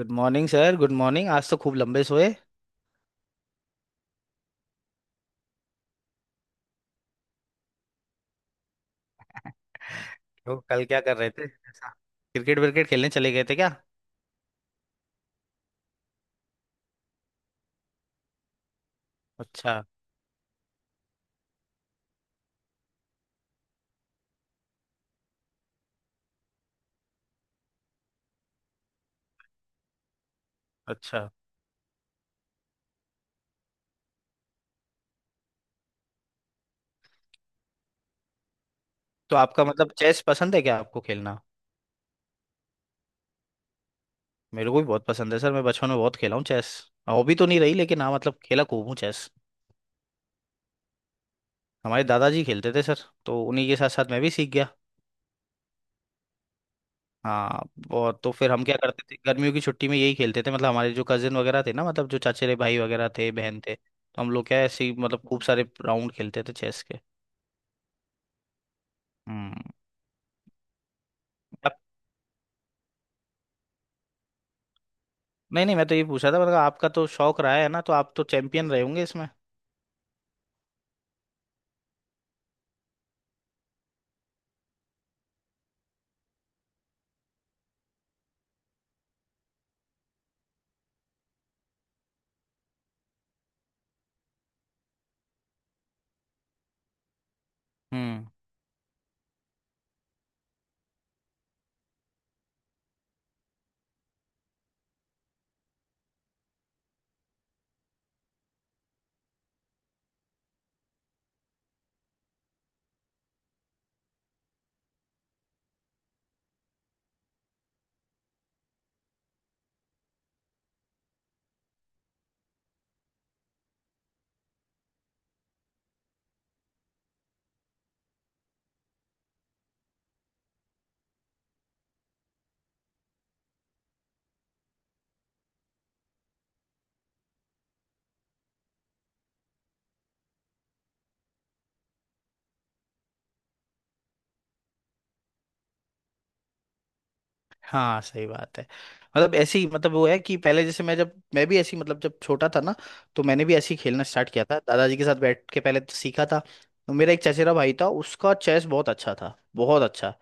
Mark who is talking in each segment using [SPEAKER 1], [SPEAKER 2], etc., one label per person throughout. [SPEAKER 1] Good morning sir. Good morning. आज तो खूब लंबे सोए। तो कल क्या कर रहे थे ऐसा? क्रिकेट विकेट खेलने चले गए थे क्या? अच्छा। अच्छा, तो आपका मतलब चेस पसंद है क्या आपको खेलना? मेरे को भी बहुत पसंद है सर। मैं बचपन में बहुत खेला हूँ चेस। हॉबी तो नहीं रही लेकिन हाँ मतलब खेला खूब हूँ चेस। हमारे दादाजी खेलते थे सर, तो उन्हीं के साथ साथ मैं भी सीख गया। हाँ। और तो फिर हम क्या करते थे, गर्मियों की छुट्टी में यही खेलते थे, मतलब हमारे जो कजिन वगैरह थे ना, मतलब जो चचेरे भाई वगैरह थे बहन थे, तो हम लोग क्या ऐसे ही मतलब खूब सारे राउंड खेलते थे चेस के। हम्म। नहीं नहीं, मैं तो ये पूछा था मतलब आपका तो शौक रहा है ना, तो आप तो चैंपियन रहे होंगे इसमें। हम्म। हाँ सही बात है। मतलब ऐसी मतलब वो है कि पहले जैसे मैं, जब मैं भी ऐसी मतलब जब छोटा था ना, तो मैंने भी ऐसे ही खेलना स्टार्ट किया था, दादाजी के साथ बैठ के पहले तो सीखा था। तो मेरा एक चचेरा भाई था, उसका चेस बहुत अच्छा था, बहुत अच्छा।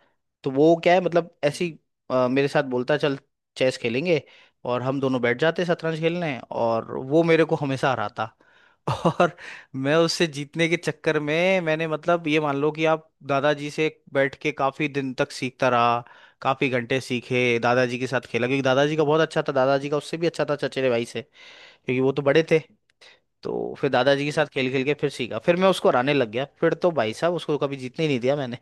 [SPEAKER 1] तो वो क्या है मतलब ऐसी, मेरे साथ बोलता चल चेस खेलेंगे, और हम दोनों बैठ जाते शतरंज खेलने और वो मेरे को हमेशा हराता। और मैं उससे जीतने के चक्कर में मैंने मतलब ये मान लो कि आप दादाजी से बैठ के काफी दिन तक सीखता रहा, काफी घंटे सीखे दादाजी के साथ खेला, क्योंकि दादाजी का बहुत अच्छा था, दादाजी का उससे भी अच्छा था चचेरे भाई से, क्योंकि वो तो बड़े थे। तो फिर दादाजी के साथ खेल खेल के फिर सीखा, फिर मैं उसको हराने लग गया, फिर तो भाई साहब उसको कभी जीतने ही नहीं दिया मैंने।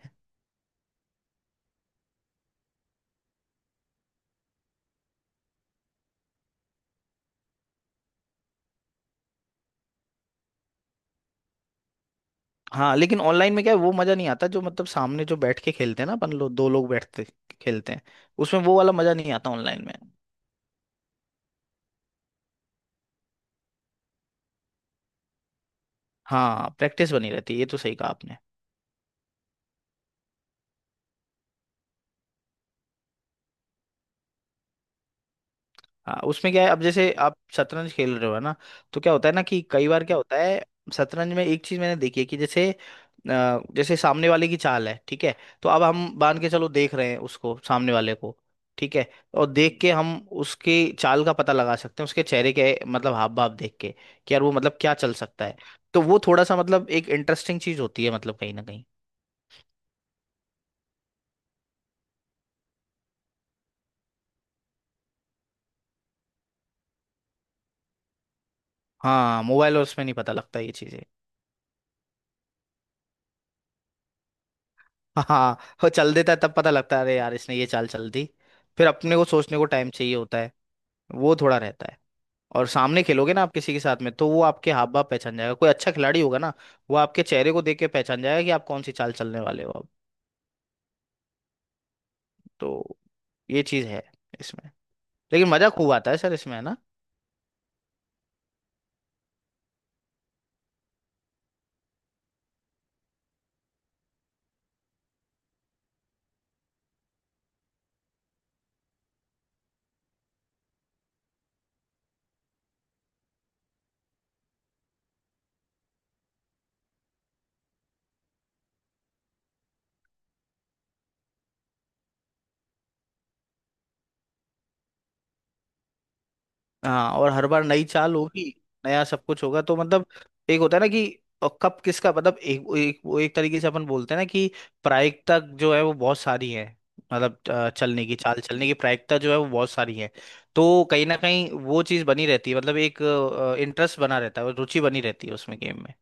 [SPEAKER 1] हाँ लेकिन ऑनलाइन में क्या है, वो मजा नहीं आता जो मतलब सामने जो बैठ के खेलते हैं ना अपन लोग, दो लोग बैठते खेलते हैं, उसमें वो वाला मजा नहीं आता ऑनलाइन में। हाँ, प्रैक्टिस बनी रहती है, ये तो सही कहा आपने। हाँ उसमें क्या है, अब जैसे आप शतरंज खेल रहे हो है ना, तो क्या होता है ना कि कई बार क्या होता है, शतरंज में एक चीज मैंने देखी है कि जैसे, जैसे सामने वाले की चाल है ठीक है, तो अब हम मान के चलो देख रहे हैं उसको, सामने वाले को, ठीक है, और देख के हम उसके चाल का पता लगा सकते हैं, उसके चेहरे के मतलब हाव भाव देख के, कि यार वो मतलब क्या चल सकता है। तो वो थोड़ा सा मतलब एक इंटरेस्टिंग चीज होती है मतलब कहीं ना कहीं। हाँ मोबाइल और उसमें नहीं पता लगता ये चीजें। हाँ, वो चल देता है तब पता लगता है अरे यार इसने ये चाल चल दी, फिर अपने को सोचने को टाइम चाहिए होता है, वो थोड़ा रहता है। और सामने खेलोगे ना आप किसी के साथ में तो वो आपके हाव भाव पहचान जाएगा, कोई अच्छा खिलाड़ी होगा ना, वो आपके चेहरे को देख के पहचान जाएगा कि आप कौन सी चाल चलने वाले हो अब। तो ये चीज है इसमें। लेकिन मजा खूब आता है सर इसमें, है ना? हाँ और हर बार नई चाल होगी, नया सब कुछ होगा, तो मतलब एक होता है ना कि, कब किसका मतलब एक वो एक वो एक तरीके से अपन बोलते हैं ना कि प्रायिकता जो है वो बहुत सारी है, मतलब चलने की चाल चलने की प्रायिकता जो है वो बहुत सारी है। तो कहीं ना कहीं वो चीज बनी रहती है, मतलब एक इंटरेस्ट बना रहता है और रुचि बनी रहती है उसमें गेम में,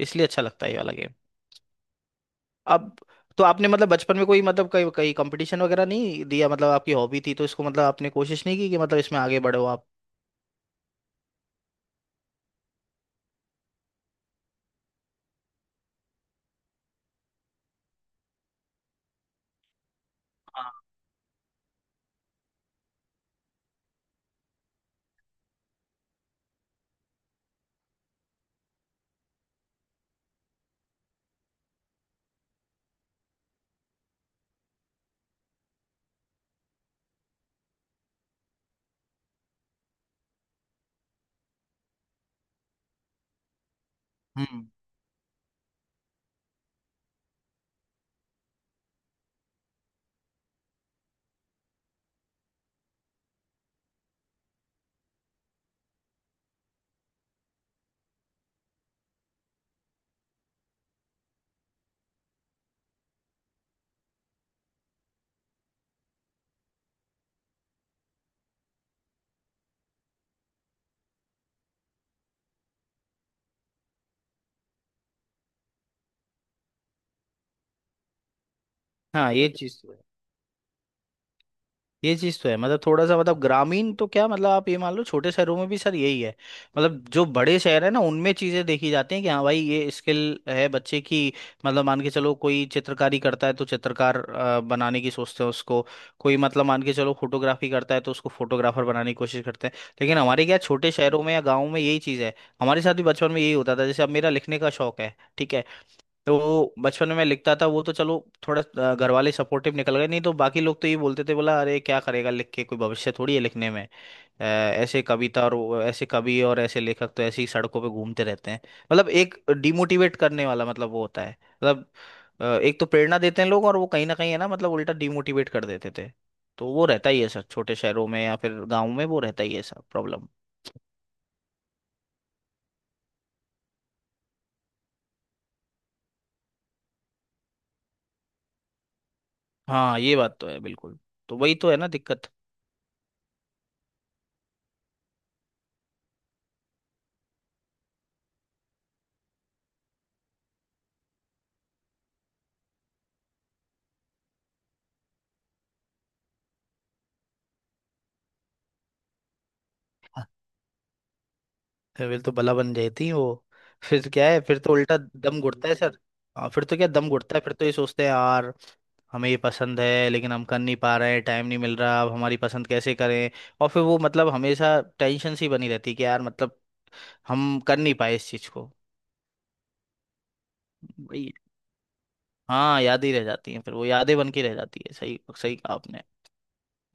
[SPEAKER 1] इसलिए अच्छा लगता है ये वाला गेम। अब तो आपने मतलब बचपन में कोई मतलब कहीं कहीं कंपटीशन वगैरह नहीं दिया, मतलब आपकी हॉबी थी, तो इसको मतलब आपने कोशिश नहीं की कि मतलब इसमें आगे बढ़ो आप? हाँ। हम्म। हाँ ये चीज तो है, ये चीज तो है, मतलब थोड़ा सा मतलब ग्रामीण तो क्या, मतलब आप ये मान लो छोटे शहरों में भी सर यही है। मतलब जो बड़े शहर है ना, उनमें चीजें देखी जाती हैं कि हाँ भाई ये स्किल है बच्चे की, मतलब मान के चलो कोई चित्रकारी करता है तो चित्रकार बनाने की सोचते हैं उसको। कोई मतलब मान के चलो फोटोग्राफी करता है तो उसको फोटोग्राफर बनाने की कोशिश करते हैं। लेकिन हमारे क्या छोटे शहरों में या गाँव में यही चीज है। हमारे साथ भी बचपन में यही होता था, जैसे अब मेरा लिखने का शौक है ठीक है, तो बचपन में मैं लिखता था वो तो चलो थोड़ा, घर वाले सपोर्टिव निकल गए, नहीं तो बाकी लोग तो ये बोलते थे, बोला अरे क्या करेगा लिख के, कोई भविष्य थोड़ी है लिखने में। ऐसे कविता और ऐसे कवि और ऐसे लेखक तो ऐसे ही सड़कों पे घूमते रहते हैं। मतलब एक डिमोटिवेट करने वाला मतलब वो होता है। मतलब एक तो प्रेरणा देते हैं लोग और वो कहीं ना कहीं है ना, मतलब उल्टा डिमोटिवेट कर देते थे। तो वो रहता ही है सर छोटे शहरों में या फिर गाँव में, वो रहता ही है सर प्रॉब्लम। हाँ ये बात तो है बिल्कुल। तो वही तो है ना दिक्कत। फिर तो बला बन जाती है वो। फिर तो क्या है, फिर तो उल्टा दम घुटता है सर। हाँ फिर तो क्या दम घुटता है, फिर तो ये सोचते हैं यार हमें ये पसंद है लेकिन हम कर नहीं पा रहे हैं, टाइम नहीं मिल रहा, अब हमारी पसंद कैसे करें। और फिर वो मतलब हमेशा टेंशन सी बनी रहती है कि यार मतलब हम कर नहीं पाए इस चीज़ को। वही। हाँ यादें रह जाती हैं, फिर वो यादें बन के रह जाती है, सही सही कहा आपने।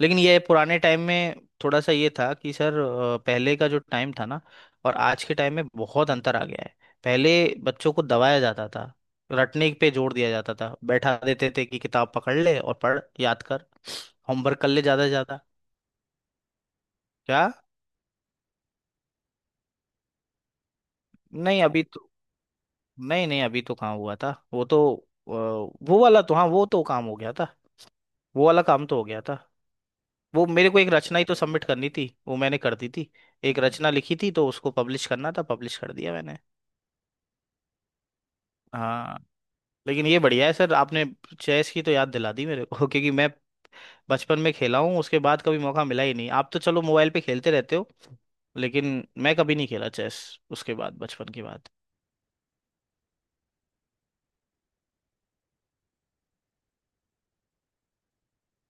[SPEAKER 1] लेकिन ये पुराने टाइम में थोड़ा सा ये था कि सर, पहले का जो टाइम था ना और आज के टाइम में बहुत अंतर आ गया है। पहले बच्चों को दबाया जाता था, रटने पे जोर दिया जाता था, बैठा देते थे कि किताब पकड़ ले और पढ़ याद कर, होमवर्क कर ले ज्यादा से ज्यादा। क्या? नहीं अभी तो। नहीं नहीं, अभी तो कहाँ हुआ था वो तो। अ, वो वाला तो, हाँ वो तो काम हो गया था, वो वाला काम तो हो गया था। वो मेरे को एक रचना ही तो सबमिट करनी थी, वो मैंने कर दी थी। एक रचना लिखी थी तो उसको पब्लिश करना था, पब्लिश कर दिया मैंने। हाँ। लेकिन ये बढ़िया है सर, आपने चेस की तो याद दिला दी मेरे को। क्योंकि मैं बचपन में खेला हूँ, उसके बाद कभी मौका मिला ही नहीं। आप तो चलो मोबाइल पे खेलते रहते हो, लेकिन मैं कभी नहीं खेला चेस उसके बाद, बचपन के बाद।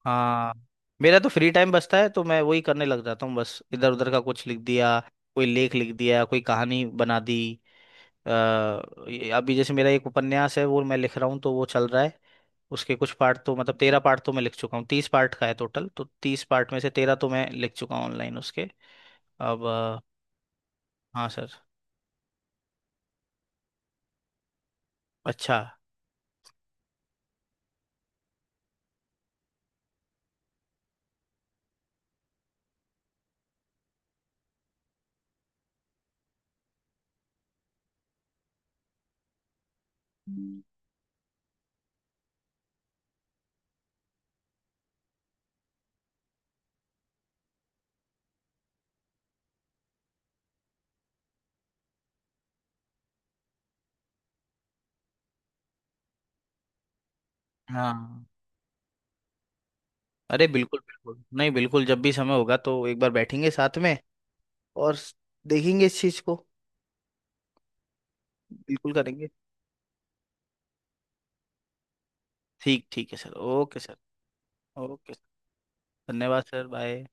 [SPEAKER 1] हाँ। मेरा तो फ्री टाइम बचता है तो मैं वही करने लग जाता हूँ, बस इधर उधर का कुछ लिख दिया, कोई लेख लिख दिया, कोई कहानी बना दी। अ, अभी जैसे मेरा एक उपन्यास है वो मैं लिख रहा हूँ, तो वो चल रहा है। उसके कुछ पार्ट तो मतलब 13 पार्ट तो मैं लिख चुका हूँ, 30 पार्ट का है टोटल, तो 30 पार्ट में से 13 तो मैं लिख चुका हूँ ऑनलाइन उसके। अब। हाँ सर। अच्छा। हाँ, अरे बिल्कुल बिल्कुल, नहीं बिल्कुल, जब भी समय होगा तो एक बार बैठेंगे साथ में और देखेंगे इस चीज को। बिल्कुल करेंगे। ठीक, ठीक है सर, ओके सर। ओके। धन्यवाद सर, बाय।